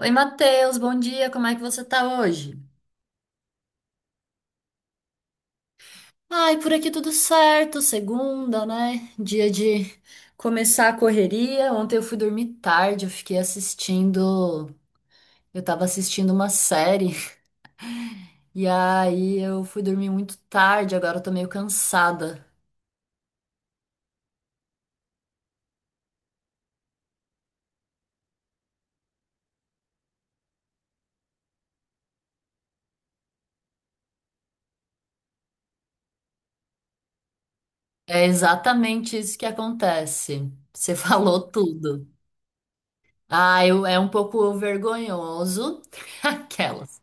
Oi, Matheus, bom dia, como é que você tá hoje? Ai, por aqui tudo certo, segunda, né? Dia de começar a correria. Ontem eu fui dormir tarde, eu fiquei assistindo, eu tava assistindo uma série, e aí eu fui dormir muito tarde, agora eu tô meio cansada. É exatamente isso que acontece. Você falou tudo. Ah, eu, é um pouco vergonhoso, aquelas.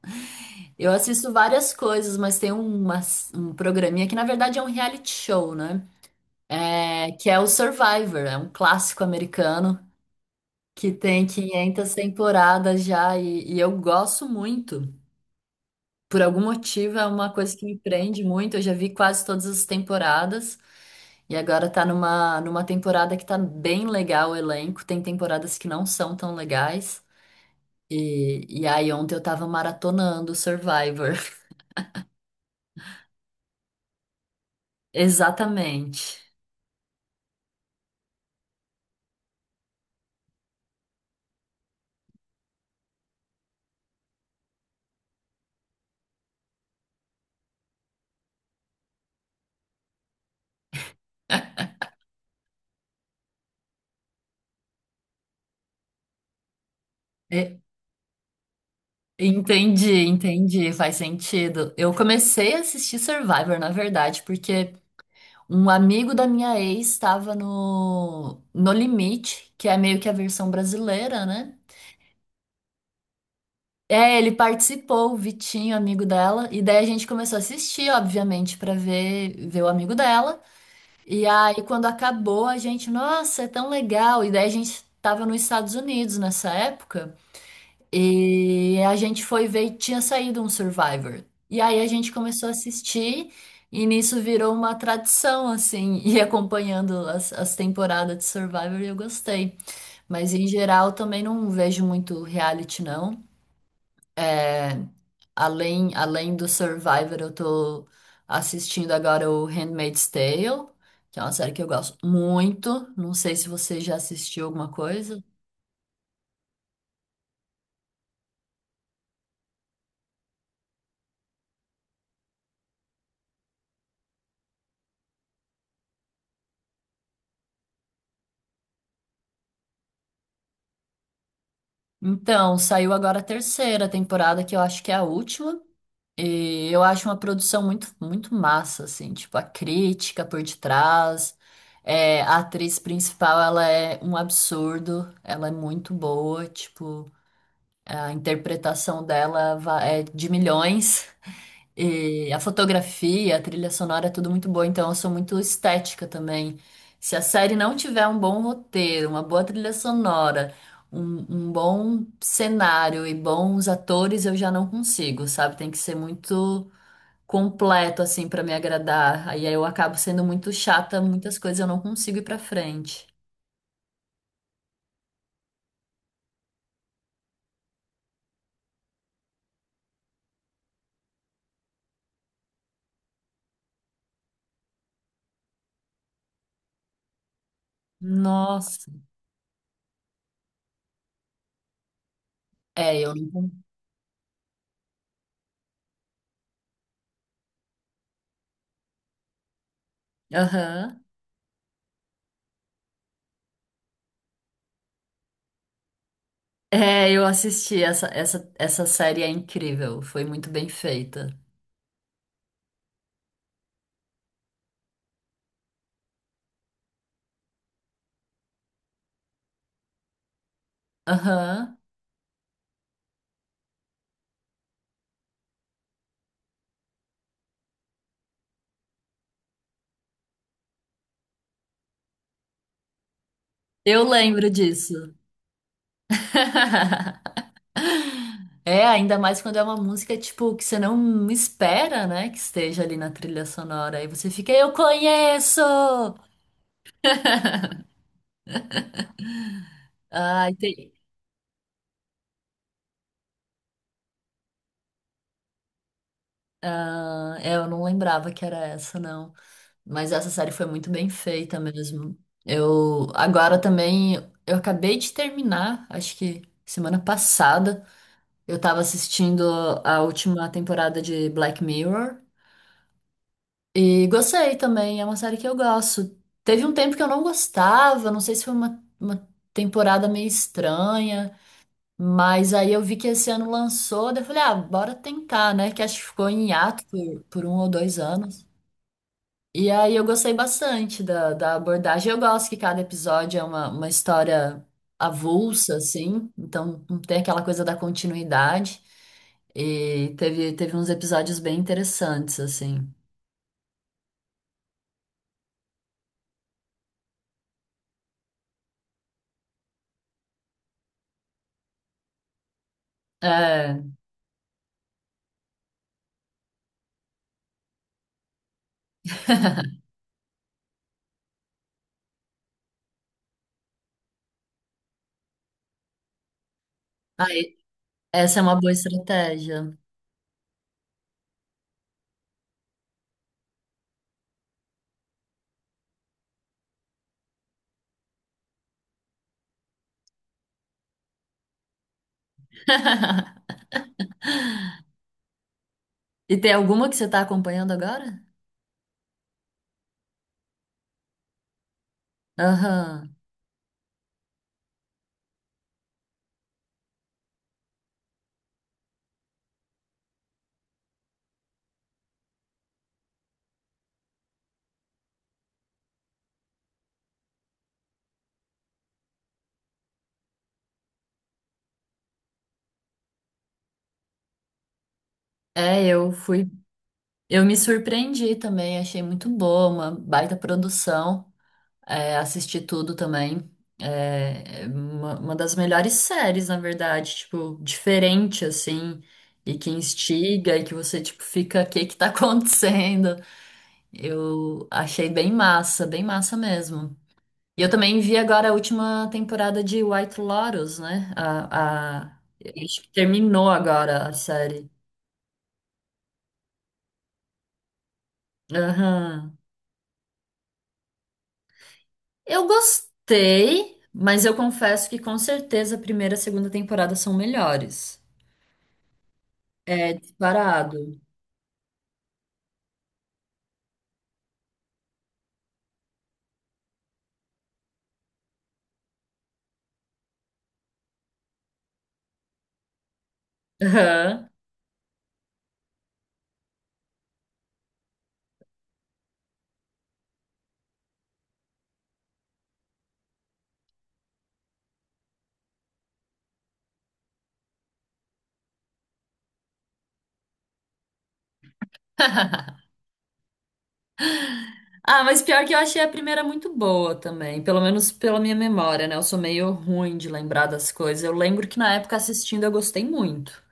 Eu assisto várias coisas, mas tem um programinha que na verdade é um reality show, né? É, que é o Survivor, é um clássico americano que tem 500 temporadas já e eu gosto muito. Por algum motivo é uma coisa que me prende muito. Eu já vi quase todas as temporadas e agora tá numa temporada que tá bem legal o elenco. Tem temporadas que não são tão legais. E aí ontem eu tava maratonando o Survivor. Exatamente. Entendi, entendi, faz sentido. Eu comecei a assistir Survivor, na verdade, porque um amigo da minha ex estava no No Limite, que é meio que a versão brasileira, né? É, ele participou, o Vitinho, amigo dela, e daí a gente começou a assistir, obviamente, pra ver o amigo dela. E aí quando acabou, a gente, nossa, é tão legal. E daí a gente tava nos Estados Unidos nessa época. E a gente foi ver e tinha saído um Survivor. E aí a gente começou a assistir, e nisso virou uma tradição, assim, ir acompanhando as temporadas de Survivor e eu gostei. Mas em geral também não vejo muito reality, não. Além do Survivor, eu tô assistindo agora o Handmaid's Tale, que é uma série que eu gosto muito. Não sei se você já assistiu alguma coisa. Então, saiu agora a terceira temporada, que eu acho que é a última. E eu acho uma produção muito massa, assim, tipo, a crítica por detrás. É, a atriz principal, ela é um absurdo, ela é muito boa, tipo, a interpretação dela é de milhões. E a fotografia, a trilha sonora é tudo muito boa, então eu sou muito estética também. Se a série não tiver um bom roteiro, uma boa trilha sonora, um bom cenário e bons atores, eu já não consigo, sabe? Tem que ser muito completo assim pra me agradar. Aí eu acabo sendo muito chata, muitas coisas eu não consigo ir pra frente. Nossa. É, eu não. Aham. É, eu assisti essa série é incrível, foi muito bem feita. Aham. Eu lembro disso. É, ainda mais quando é uma música, tipo, que você não espera, né, que esteja ali na trilha sonora. Aí você fica, eu conheço! Ai, tem, ah, é, eu não lembrava que era essa, não. Mas essa série foi muito bem feita mesmo. Eu agora também, eu acabei de terminar, acho que semana passada, eu tava assistindo a última temporada de Black Mirror e gostei também, é uma série que eu gosto. Teve um tempo que eu não gostava, não sei se foi uma temporada meio estranha, mas aí eu vi que esse ano lançou, daí eu falei, ah, bora tentar, né? Que acho que ficou em hiato por um ou dois anos. E aí eu gostei bastante da abordagem. Eu gosto que cada episódio é uma história avulsa, assim, então não tem aquela coisa da continuidade. E teve uns episódios bem interessantes, assim. É, aí, essa é uma boa estratégia. E tem alguma que você está acompanhando agora? Aham. É, eu fui. Eu me surpreendi também, achei muito boa, uma baita produção. É, assisti tudo também. É uma das melhores séries, na verdade, tipo, diferente, assim, e que instiga, e que você, tipo, fica, o que que tá acontecendo? Eu achei bem massa mesmo. E eu também vi agora a última temporada de White Lotus, né? A... Acho que terminou agora a série. Aham. Eu gostei, mas eu confesso que com certeza a primeira e a segunda temporada são melhores. É disparado. Aham. Ah, mas pior que eu achei a primeira muito boa também, pelo menos pela minha memória, né? Eu sou meio ruim de lembrar das coisas. Eu lembro que na época assistindo eu gostei muito.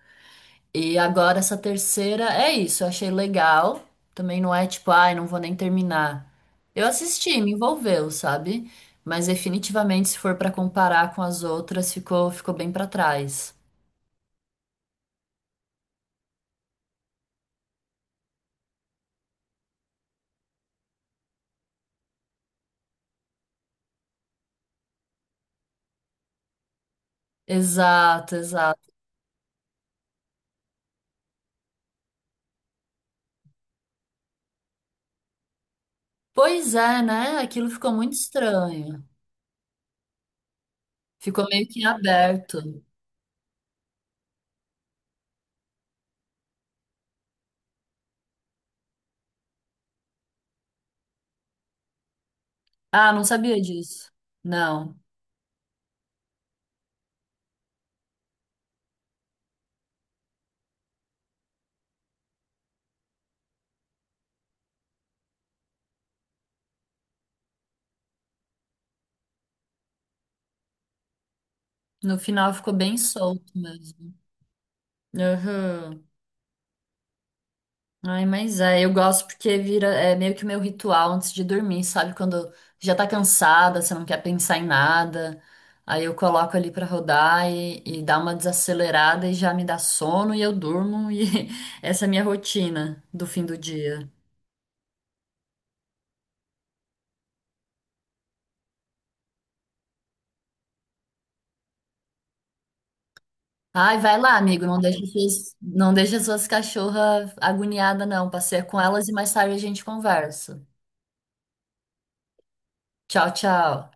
E agora essa terceira é isso, eu achei legal. Também não é tipo, ai, não vou nem terminar. Eu assisti, me envolveu, sabe? Mas definitivamente se for pra comparar com as outras, ficou bem pra trás. Exato, exato. Pois é, né? Aquilo ficou muito estranho. Ficou meio que aberto. Ah, não sabia disso. Não. No final ficou bem solto mesmo. Aham. Ai, mas é, eu gosto porque vira, é meio que o meu ritual antes de dormir, sabe? Quando já tá cansada, você não quer pensar em nada. Aí eu coloco ali pra rodar e dá uma desacelerada e já me dá sono e eu durmo. E essa é a minha rotina do fim do dia. Ai, vai lá, amigo. Não deixa suas cachorras agoniadas, não. Passeia com elas e mais tarde a gente conversa. Tchau, tchau.